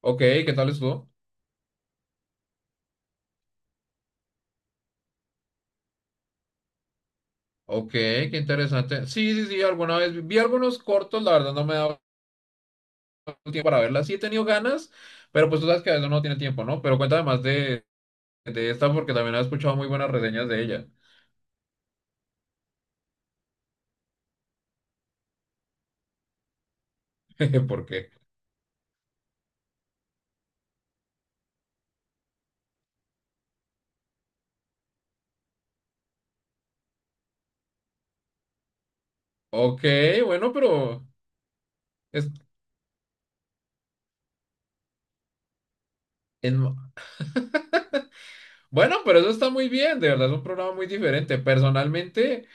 Ok, ¿qué tal estuvo? Ok, qué interesante. Sí, sí, sí, alguna vez vi algunos cortos, la verdad no me he dado el tiempo para verlas. Sí he tenido ganas, pero pues tú sabes que a veces uno no tiene tiempo, ¿no? Pero cuéntame más de esta porque también he escuchado muy buenas reseñas de ella. ¿Por qué? Ok, bueno, es en- bueno, pero eso está muy bien, de verdad es un programa muy diferente. Personalmente,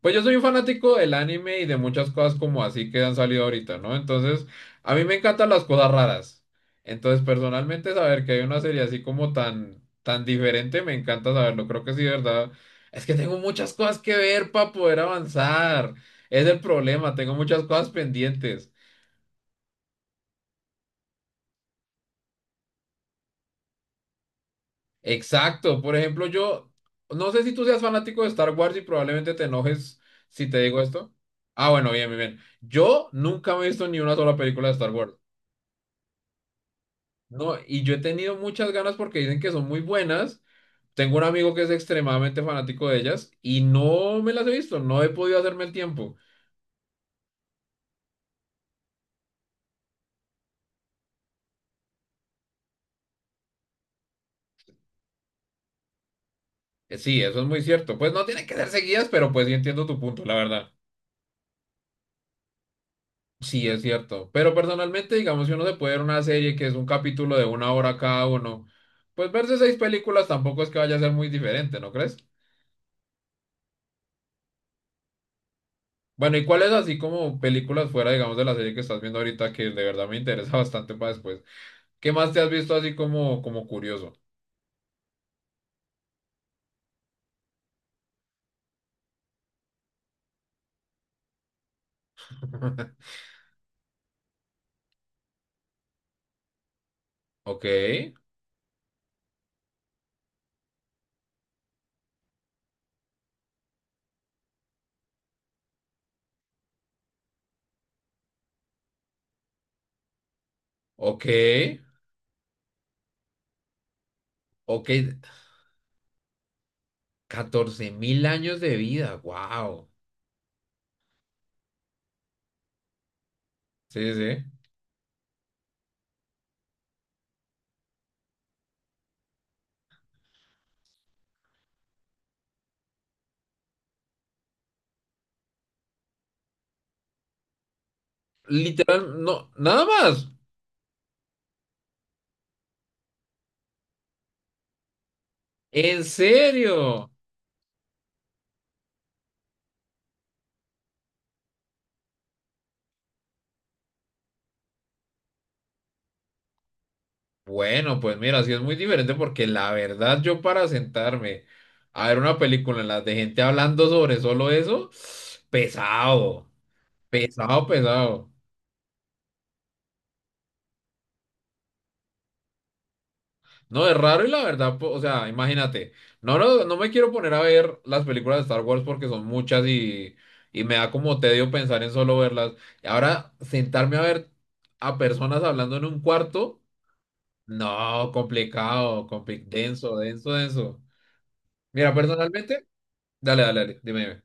pues yo soy un fanático del anime y de muchas cosas como así que han salido ahorita, ¿no? Entonces, a mí me encantan las cosas raras. Entonces, personalmente, saber que hay una serie así como tan, tan diferente, me encanta saberlo. Creo que sí, de ¿verdad? Es que tengo muchas cosas que ver para poder avanzar. Es el problema, tengo muchas cosas pendientes. Exacto. Por ejemplo, yo no sé si tú seas fanático de Star Wars y probablemente te enojes si te digo esto. Ah, bueno, bien, bien, bien. Yo nunca me he visto ni una sola película de Star Wars. No, y yo he tenido muchas ganas porque dicen que son muy buenas. Tengo un amigo que es extremadamente fanático de ellas y no me las he visto, no he podido hacerme el tiempo. Sí, eso es muy cierto. Pues no tienen que ser seguidas, pero pues sí entiendo tu punto, la verdad. Sí, es cierto. Pero personalmente, digamos, si uno se puede ver una serie que es un capítulo de una hora cada uno, pues verse seis películas tampoco es que vaya a ser muy diferente, ¿no crees? Bueno, ¿y cuáles así como películas fuera, digamos, de la serie que estás viendo ahorita que de verdad me interesa bastante para después? ¿Qué más te has visto así como, como curioso? Ok, ok, ok. 14.000 años de vida, wow. Sí, sí. Literal, no, nada más. ¿En serio? Bueno, pues mira, sí es muy diferente porque la verdad yo para sentarme a ver una película en la de gente hablando sobre solo eso, pesado, pesado, pesado. No, es raro y la verdad, o sea, imagínate, no, no, no me quiero poner a ver las películas de Star Wars porque son muchas y me da como tedio pensar en solo verlas. Y ahora sentarme a ver a personas hablando en un cuarto, no, complicado, denso, denso, denso. Mira, personalmente, dale, dale, dale, dime, dime.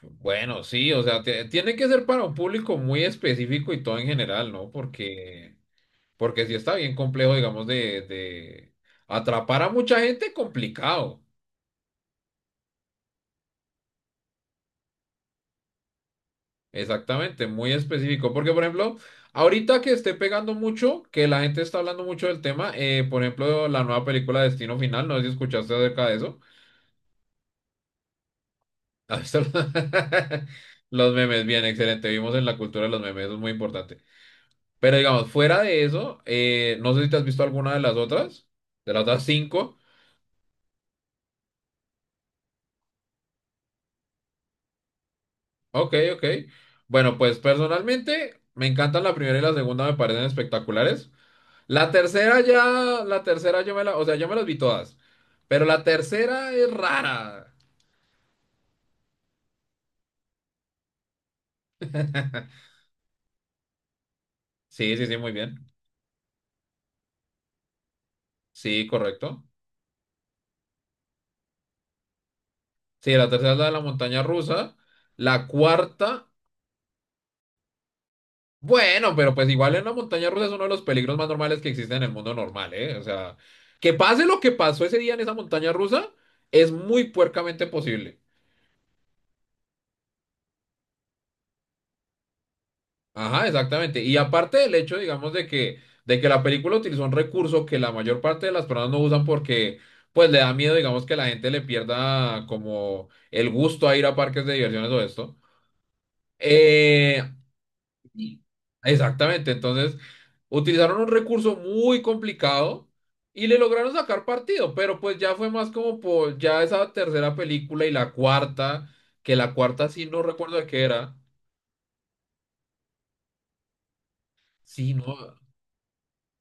Bueno, sí, o sea, tiene que ser para un público muy específico y todo en general, ¿no? Porque... Porque sí está bien complejo, digamos, de atrapar a mucha gente, complicado. Exactamente, muy específico. Porque, por ejemplo, ahorita que esté pegando mucho, que la gente está hablando mucho del tema, por ejemplo, la nueva película Destino Final, no sé si escuchaste acerca de eso. ¿Has visto los los memes? Bien, excelente. Vimos en la cultura de los memes, eso es muy importante. Pero, digamos, fuera de eso, no sé si te has visto alguna de las otras cinco. Ok, ok. Bueno, pues personalmente me encantan la primera y la segunda, me parecen espectaculares. La tercera ya, la tercera yo me la, o sea, yo me las vi todas, pero la tercera es rara. Sí, sí, sí, muy bien. Sí, correcto. Sí, la tercera es la de la montaña rusa. La cuarta, bueno, pero pues igual en la montaña rusa es uno de los peligros más normales que existen en el mundo normal, ¿eh? O sea, que pase lo que pasó ese día en esa montaña rusa, es muy puercamente posible. Ajá, exactamente. Y aparte del hecho, digamos, de que la película utilizó un recurso que la mayor parte de las personas no usan porque, pues, le da miedo, digamos, que la gente le pierda como el gusto a ir a parques de diversiones o esto. Eh, y- exactamente. Entonces, utilizaron un recurso muy complicado y le lograron sacar partido, pero pues ya fue más como por ya esa tercera película y la cuarta, que la cuarta sí no recuerdo de qué era. Sí, no.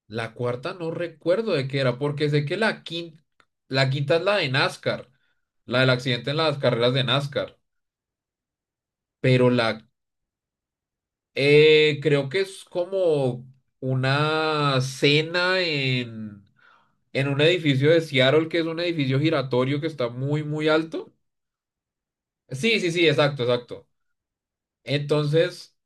La cuarta no recuerdo de qué era, porque sé que la quinta es la de NASCAR, la del accidente en las carreras de NASCAR, pero la creo que es como una cena en un edificio de Seattle, que es un edificio giratorio que está muy, muy alto. Sí, sí, sí, exacto, exacto. Entonces,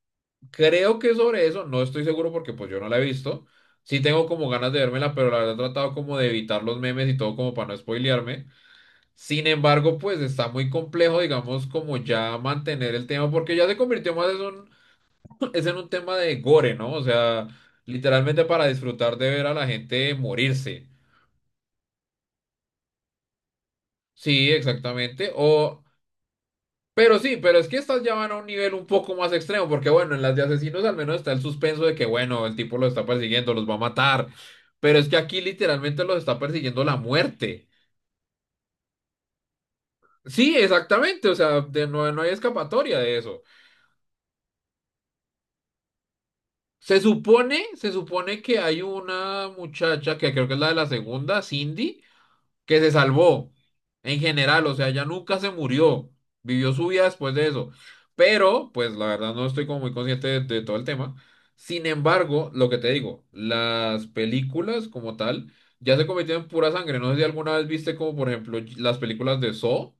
creo que sobre eso, no estoy seguro porque pues yo no la he visto. Sí tengo como ganas de vérmela, pero la verdad he tratado como de evitar los memes y todo como para no spoilearme. Sin embargo, pues está muy complejo, digamos, como ya mantener el tema, porque ya se convirtió más en un, es en un tema de gore, ¿no? O sea, literalmente para disfrutar de ver a la gente morirse. Sí, exactamente. O, pero sí, pero es que estas ya van a un nivel un poco más extremo, porque bueno, en las de asesinos al menos está el suspenso de que, bueno, el tipo los está persiguiendo, los va a matar. Pero es que aquí literalmente los está persiguiendo la muerte. Sí, exactamente. O sea, no no hay escapatoria de eso. Se supone que hay una muchacha que creo que es la de la segunda, Cindy, que se salvó en general, o sea, ella nunca se murió, vivió su vida después de eso. Pero, pues la verdad no estoy como muy consciente de todo el tema. Sin embargo, lo que te digo, las películas como tal ya se convirtieron en pura sangre. No sé si alguna vez viste como por ejemplo las películas de Saw,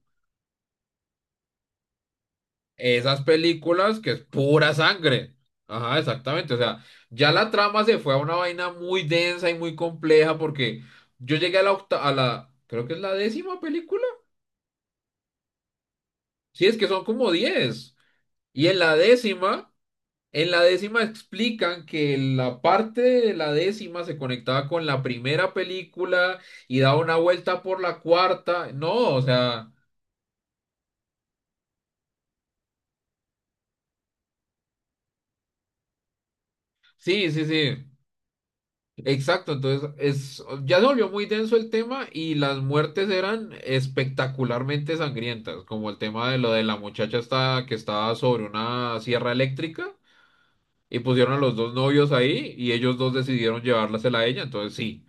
esas películas que es pura sangre. Ajá, exactamente. O sea, ya la trama se fue a una vaina muy densa y muy compleja porque yo llegué a la creo que es la décima película. Sí, es que son como 10. Y en la décima explican que la parte de la décima se conectaba con la primera película y daba una vuelta por la cuarta. No, o sea, sí, sí, sí. Exacto, entonces es, ya se volvió muy denso el tema y las muertes eran espectacularmente sangrientas, como el tema de lo de la muchacha esta que estaba sobre una sierra eléctrica y pusieron a los dos novios ahí y ellos dos decidieron llevársela a ella, entonces sí.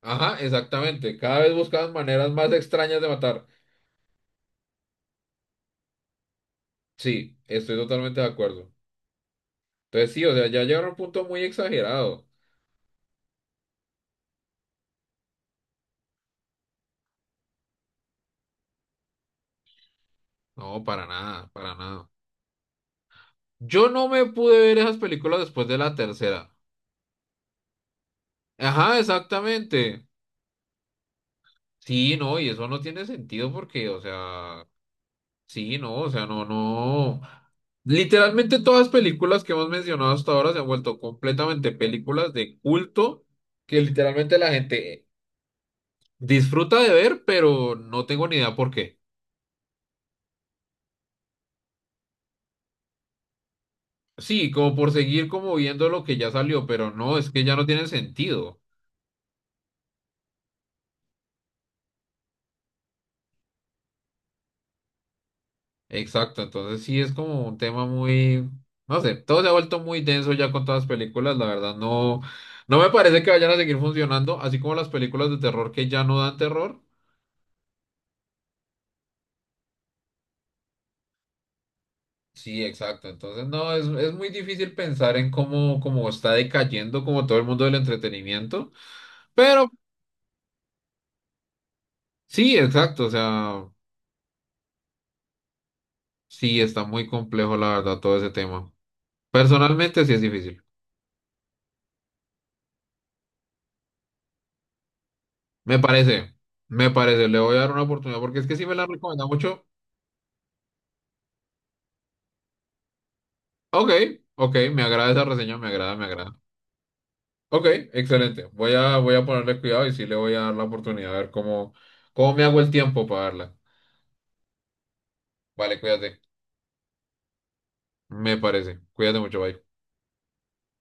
Ajá, exactamente, cada vez buscaban maneras más extrañas de matar. Sí, estoy totalmente de acuerdo. Entonces sí, o sea, ya llegaron a un punto muy exagerado. No, para nada, para nada. Yo no me pude ver esas películas después de la tercera. Ajá, exactamente. Sí, no, y eso no tiene sentido porque, o sea, sí, no, o sea, no, no. Literalmente todas las películas que hemos mencionado hasta ahora se han vuelto completamente películas de culto que literalmente la gente disfruta de ver, pero no tengo ni idea por qué. Sí, como por seguir como viendo lo que ya salió, pero no, es que ya no tiene sentido. Exacto, entonces sí es como un tema muy, no sé, todo se ha vuelto muy denso ya con todas las películas, la verdad no, no me parece que vayan a seguir funcionando, así como las películas de terror que ya no dan terror. Sí, exacto, entonces no, es muy difícil pensar en cómo, cómo está decayendo como todo el mundo del entretenimiento, pero sí, exacto, o sea, sí está muy complejo la verdad todo ese tema. Personalmente sí es difícil, me parece, me parece, le voy a dar una oportunidad porque es que sí me la recomienda mucho. Ok, ok, me agrada esa reseña, me agrada, me agrada. Ok, excelente. Voy a ponerle cuidado y sí le voy a dar la oportunidad a ver cómo me hago el tiempo para darla. Vale, cuídate. Me parece. Cuídate mucho, bye.